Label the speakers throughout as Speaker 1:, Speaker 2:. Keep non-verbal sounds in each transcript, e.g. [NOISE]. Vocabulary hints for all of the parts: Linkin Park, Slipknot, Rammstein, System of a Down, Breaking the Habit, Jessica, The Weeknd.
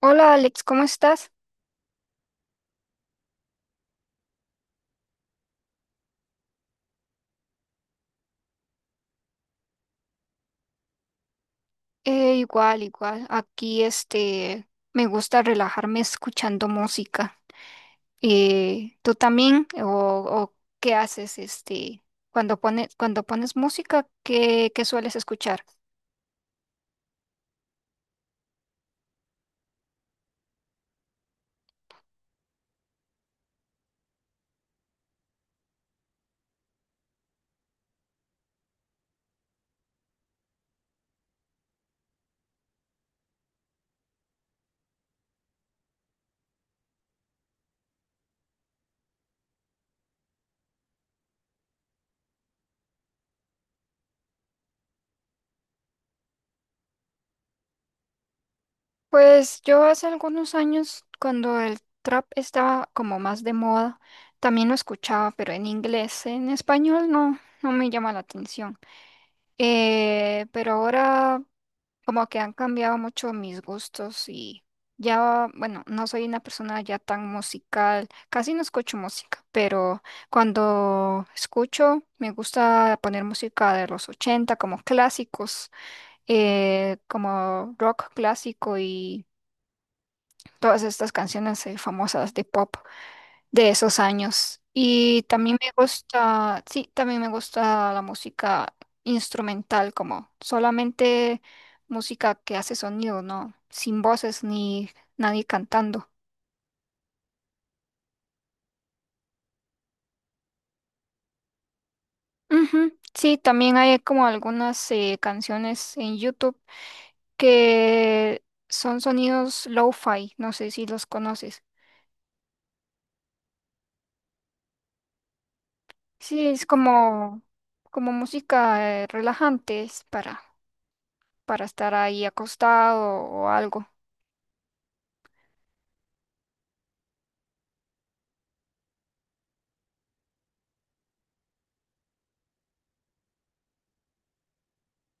Speaker 1: Hola Alex, ¿cómo estás? Igual, igual. Aquí me gusta relajarme escuchando música. ¿Tú también? ¿O qué haces cuando pones música? ¿Qué sueles escuchar? Pues yo hace algunos años, cuando el trap estaba como más de moda, también lo escuchaba, pero en inglés. En español no, no me llama la atención. Pero ahora como que han cambiado mucho mis gustos y ya, bueno, no soy una persona ya tan musical, casi no escucho música, pero cuando escucho me gusta poner música de los 80 como clásicos, como rock clásico y todas estas canciones famosas de pop de esos años. Y también me gusta, sí, también me gusta la música instrumental, como solamente música que hace sonido, ¿no? Sin voces ni nadie cantando. Ujú. Sí, también hay como algunas canciones en YouTube que son sonidos lo-fi, no sé si los conoces. Sí, es como música relajante, es para estar ahí acostado o algo.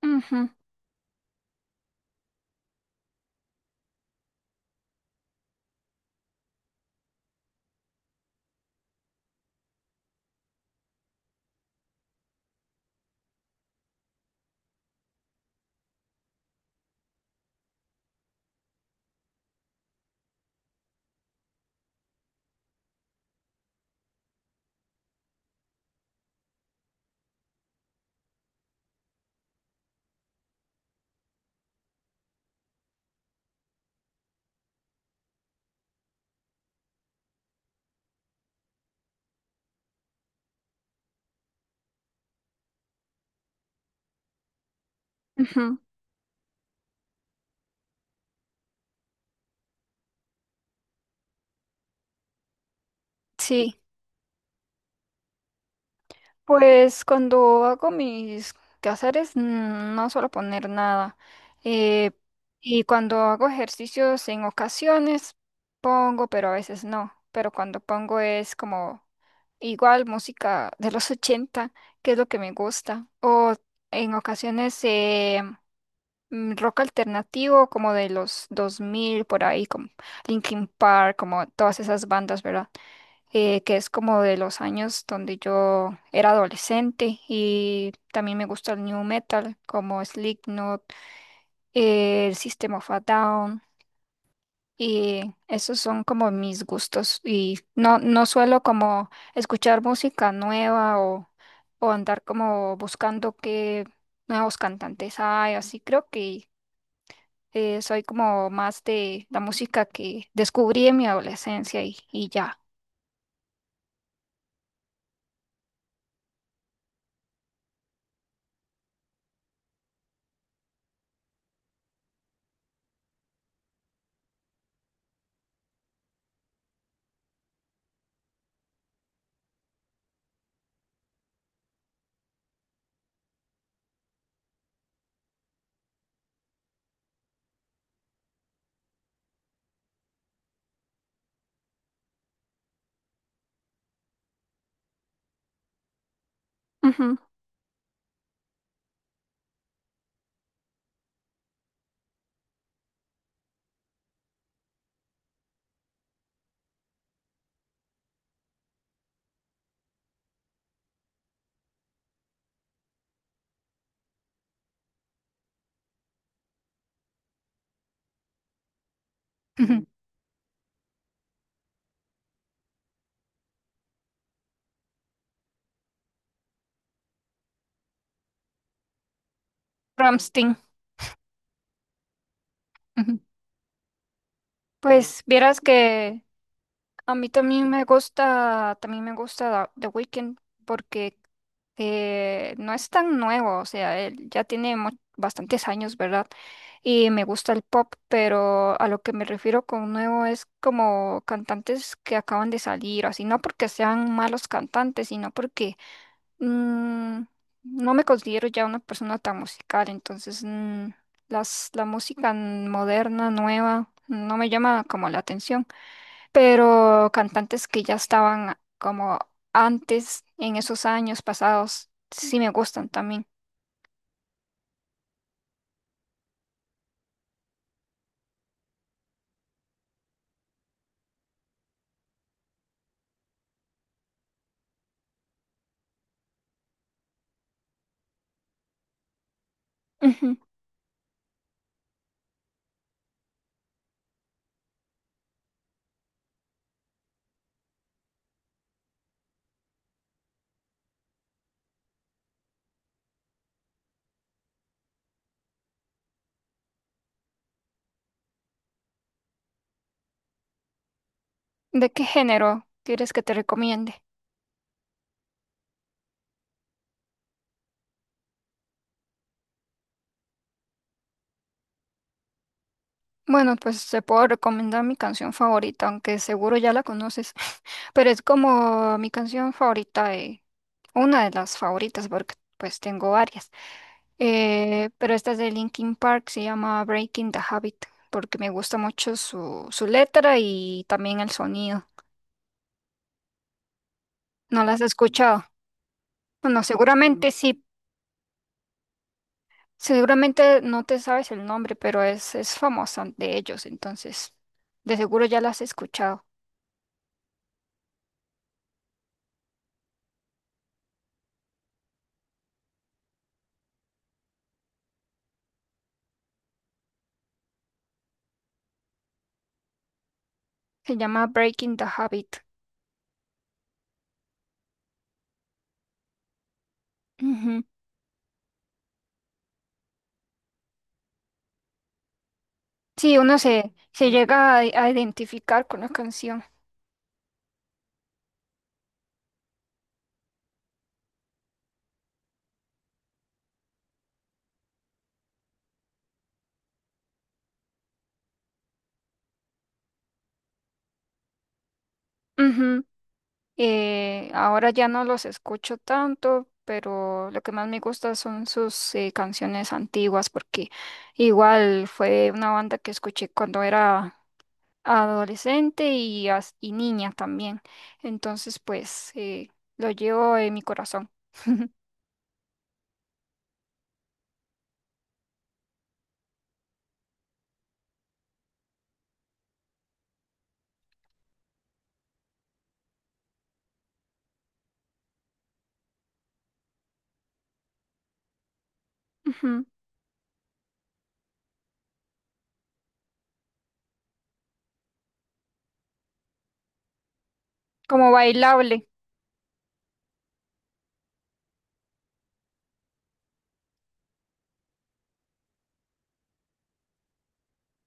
Speaker 1: Ujú. Ujú. Sí, pues cuando hago mis quehaceres no suelo poner nada. Eh, y cuando hago ejercicios en ocasiones pongo, pero a veces no. Pero cuando pongo es como igual música de los [LAUGHS] 80, que es lo que me gusta. O en ocasiones rock alternativo como de los 2000 por ahí, como Linkin Park, como todas esas bandas, ¿verdad? Que es como de los años donde yo era adolescente, y también me gusta el new metal como Slipknot, el System of a Down, y esos son como mis gustos. Y no, no suelo como escuchar música nueva, o andar como buscando qué nuevos cantantes hay. Así creo que soy como más de la música que descubrí en mi adolescencia, y ya. Ujú, ujú. Rammstein. Ujú. Pues vieras que a mí también me gusta, The Weeknd porque no es tan nuevo, o sea, él ya tiene bastantes años, ¿verdad? Y me gusta el pop, pero a lo que me refiero con nuevo es como cantantes que acaban de salir, así, no porque sean malos cantantes, sino porque mm, no me considero ya una persona tan musical, entonces la música moderna, nueva, no me llama como la atención, pero cantantes que ya estaban como antes, en esos años pasados, sí me gustan también. Ujú. ¿De qué género quieres que te recomiende? Bueno, pues te puedo recomendar mi canción favorita, aunque seguro ya la conoces, [LAUGHS] pero es como mi canción favorita, una de las favoritas, porque pues tengo varias. Pero esta es de Linkin Park, se llama Breaking the Habit, porque me gusta mucho su letra y también el sonido. ¿No las has escuchado? Bueno, seguramente sí, seguramente no te sabes el nombre, pero es famosa de ellos, entonces de seguro ya la has escuchado. Se llama Breaking the Habit. Ujú. Sí, uno se llega a identificar con la canción. Ujú. Ahora ya no los escucho tanto, pero lo que más me gusta son sus canciones antiguas, porque igual fue una banda que escuché cuando era adolescente y, y niña también. Entonces, pues lo llevo en mi corazón. [LAUGHS] Ujú. Como bailable.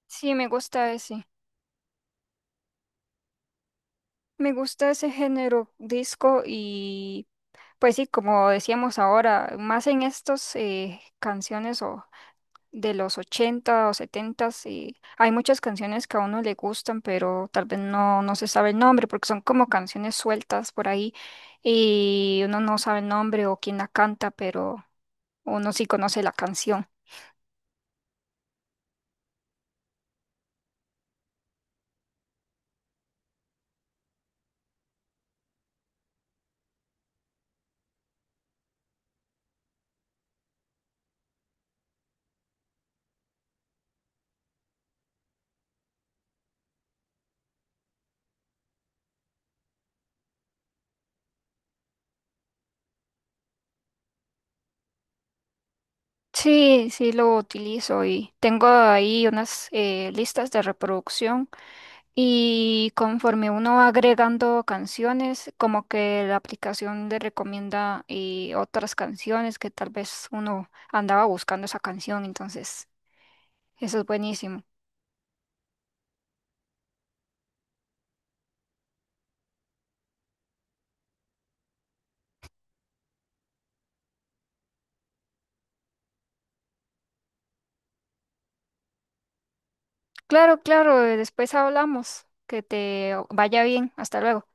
Speaker 1: Sí, me gusta ese. Me gusta ese género disco y pues sí, como decíamos ahora, más en estos canciones o de los 80 o 70, y hay muchas canciones que a uno le gustan, pero tal vez no, no se sabe el nombre, porque son como canciones sueltas por ahí y uno no sabe el nombre o quién la canta, pero uno sí conoce la canción. Sí, sí lo utilizo y tengo ahí unas listas de reproducción. Y conforme uno va agregando canciones, como que la aplicación le recomienda otras canciones que tal vez uno andaba buscando esa canción, entonces eso es buenísimo. Claro, claro, después hablamos. Que te vaya bien. Hasta luego.